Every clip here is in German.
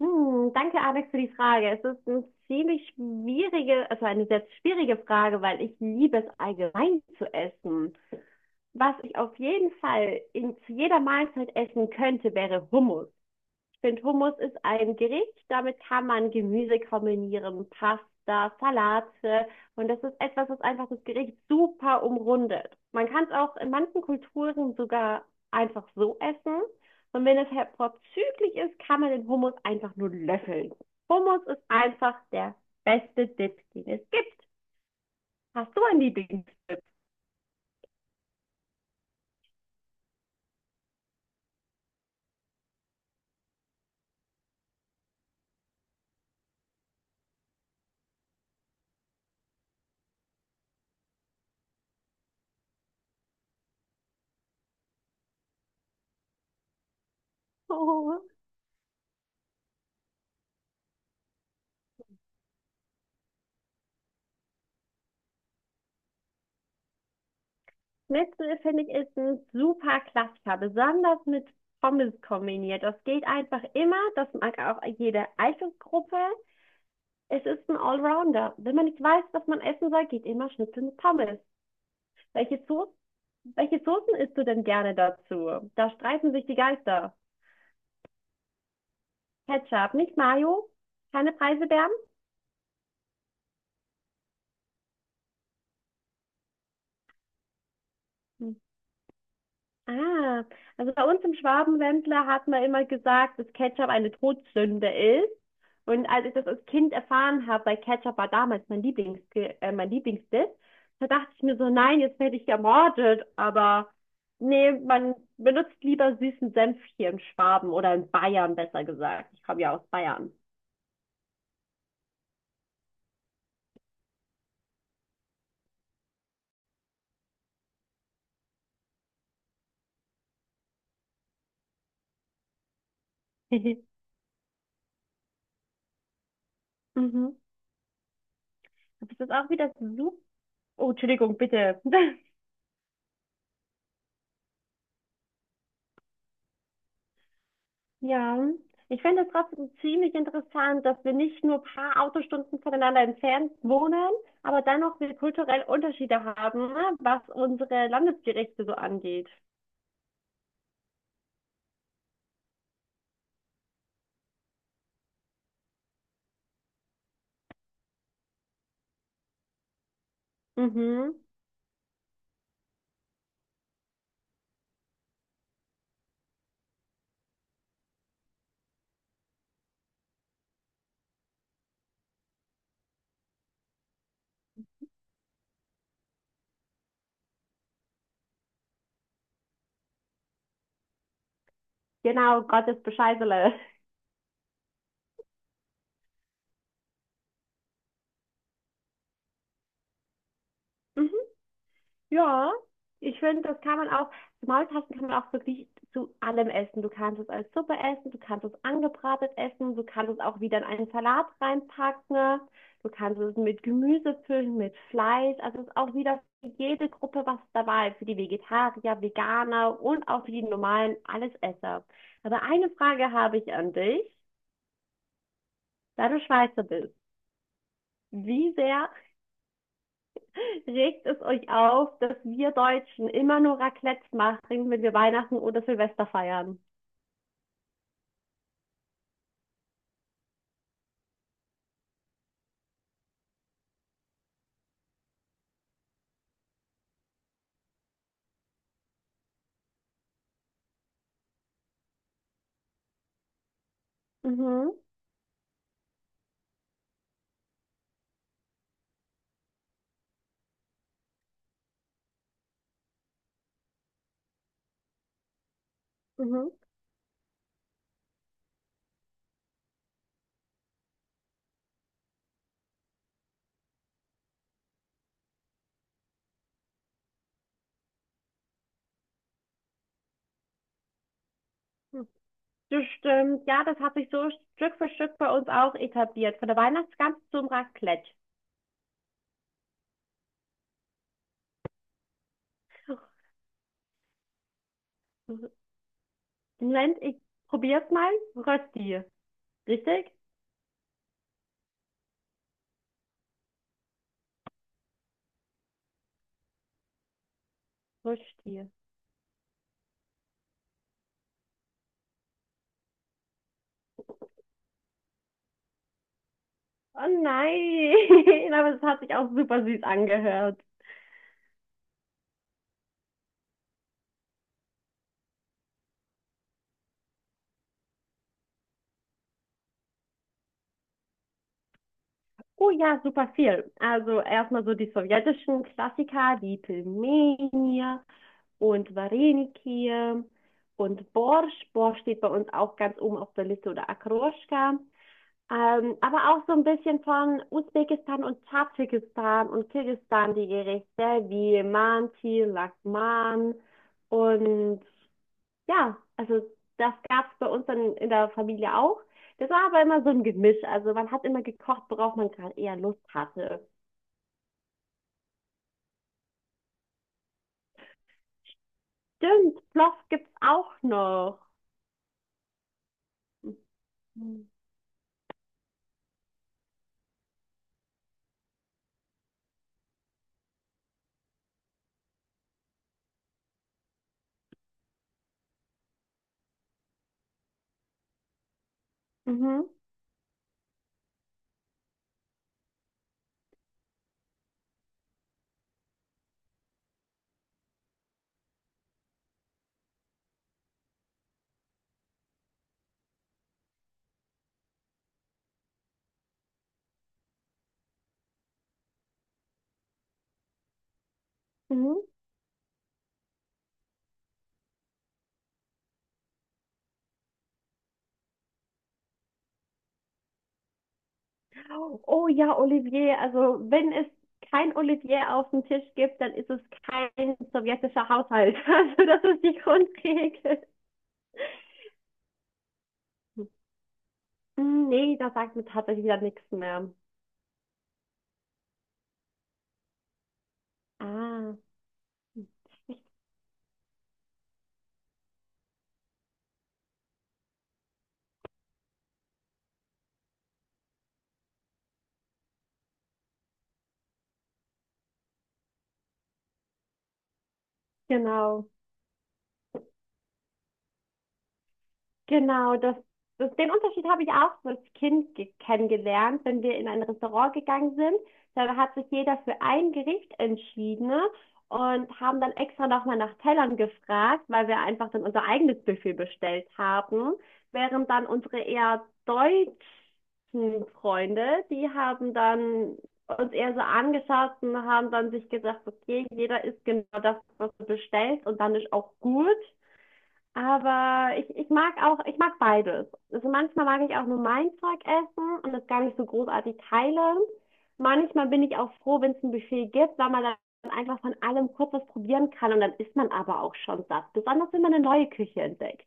Hm, danke, Alex, für die Frage. Es ist eine ziemlich schwierige, also eine sehr schwierige Frage, weil ich liebe es allgemein zu essen. Was ich auf jeden Fall zu jeder Mahlzeit essen könnte, wäre Hummus. Finde, Hummus ist ein Gericht, damit kann man Gemüse kombinieren, Pasta, Salate. Und das ist etwas, was einfach das Gericht super umrundet. Man kann es auch in manchen Kulturen sogar einfach so essen. Und wenn es halt vorzüglich ist, kann man den Hummus einfach nur löffeln. Hummus ist einfach der beste Dip, den es gibt. Hast du einen Lieblingsdip? Oh, Schnitzel finde ich ist ein super Klassiker, besonders mit Pommes kombiniert. Das geht einfach immer, das mag auch jede Altersgruppe. Es ist ein Allrounder. Wenn man nicht weiß, was man essen soll, geht immer Schnitzel mit Pommes. Welche So-, welche Soßen isst du denn gerne dazu? Da streiten sich die Geister. Ketchup, nicht Mayo, keine Preiselbeeren? Ah, also bei uns im Schwabenländler hat man immer gesagt, dass Ketchup eine Todsünde ist. Und als ich das als Kind erfahren habe, weil Ketchup war damals mein mein Lieblingsdip, da dachte ich mir so, nein, jetzt werde ich ermordet. Aber nee, man benutzt lieber süßen Senf hier in Schwaben oder in Bayern, besser gesagt. Ich komme ja aus Bayern. Mhm. Aber es ist auch wieder so. Oh, Entschuldigung, bitte. Ja, ich fände es trotzdem ziemlich interessant, dass wir nicht nur ein paar Autostunden voneinander entfernt wohnen, aber dennoch wir kulturell Unterschiede haben, ne, was unsere Landesgerichte so angeht. Mhm. Genau, Gottes Bescheißele. Ja, ich finde, das kann man auch, Maultaschen kann man auch wirklich zu allem essen. Du kannst es als Suppe essen, du kannst es angebratet essen, du kannst es auch wieder in einen Salat reinpacken, ne? Du kannst es mit Gemüse füllen, mit Fleisch. Also es ist auch wieder für jede Gruppe was dabei, für die Vegetarier, Veganer und auch für die normalen Allesesser. Aber eine Frage habe ich an dich, da du Schweizer bist. Wie sehr regt es euch auf, dass wir Deutschen immer nur Raclette machen, wenn wir Weihnachten oder Silvester feiern? Mhm, mhm. Das stimmt. Ja, das hat sich so Stück für Stück bei uns auch etabliert. Von der Weihnachtsgans zum Raclette. Moment, ich probier's mal. Rösti. Richtig? Rösti. Oh nein, aber es hat sich auch super süß angehört. Oh ja, super viel. Also erstmal so die sowjetischen Klassiker, die Pilmeni, und Vareniki und Borsch. Borsch steht bei uns auch ganz oben auf der Liste oder Akroschka. Aber auch so ein bisschen von Usbekistan und Tadschikistan und Kirgisistan die Gerichte wie Manti, Lakman und ja, also das gab es bei uns dann in der Familie auch. Das war aber immer so ein Gemisch. Also man hat immer gekocht, worauf man gerade eher Lust hatte. Stimmt, Ploff gibt's auch noch. Mhm. Mhm. Mhm. Oh oh ja, Olivier. Also wenn es kein Olivier auf dem Tisch gibt, dann ist es kein sowjetischer Haushalt. Also das ist die Grundregel. Hm, nee, da sagt mir tatsächlich wieder nichts mehr. Ah, genau. Genau, den Unterschied habe ich auch so als Kind kennengelernt, wenn wir in ein Restaurant gegangen sind. Da hat sich jeder für ein Gericht entschieden, ne, und haben dann extra nochmal nach Tellern gefragt, weil wir einfach dann unser eigenes Buffet bestellt haben. Während dann unsere eher deutschen Freunde, die haben dann uns eher so angeschaut und haben dann sich gesagt, okay, jeder isst genau das, was er bestellt und dann ist auch gut. Aber ich mag auch, ich mag beides. Also manchmal mag ich auch nur mein Zeug essen und das gar nicht so großartig teilen. Manchmal bin ich auch froh, wenn es ein Buffet gibt, weil man dann einfach von allem kurz was probieren kann und dann isst man aber auch schon satt. Besonders wenn man eine neue Küche entdeckt.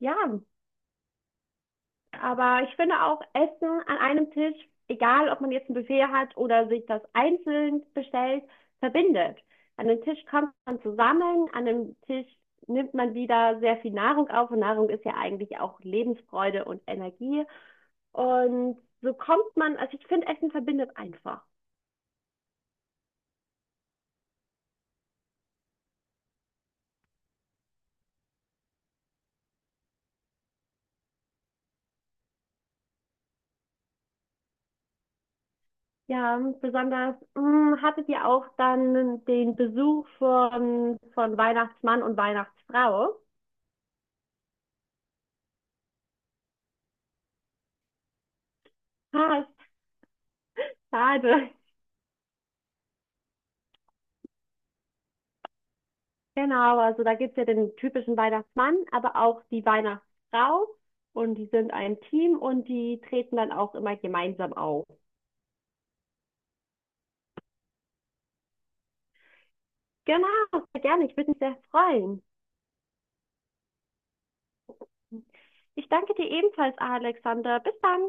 Ja. Aber ich finde auch Essen an einem Tisch, egal ob man jetzt ein Buffet hat oder sich das einzeln bestellt, verbindet. An den Tisch kommt man zusammen, an dem Tisch nimmt man wieder sehr viel Nahrung auf und Nahrung ist ja eigentlich auch Lebensfreude und Energie. Und so kommt man, also ich finde, Essen verbindet einfach. Ja, besonders, mh, hattet ihr auch dann den Besuch von Weihnachtsmann und Weihnachtsfrau? Ah, schade. Genau, also da gibt's ja den typischen Weihnachtsmann, aber auch die Weihnachtsfrau. Und die sind ein Team und die treten dann auch immer gemeinsam auf. Genau, sehr gerne. Ich würde mich sehr freuen. Ich danke dir ebenfalls, Alexander. Bis dann.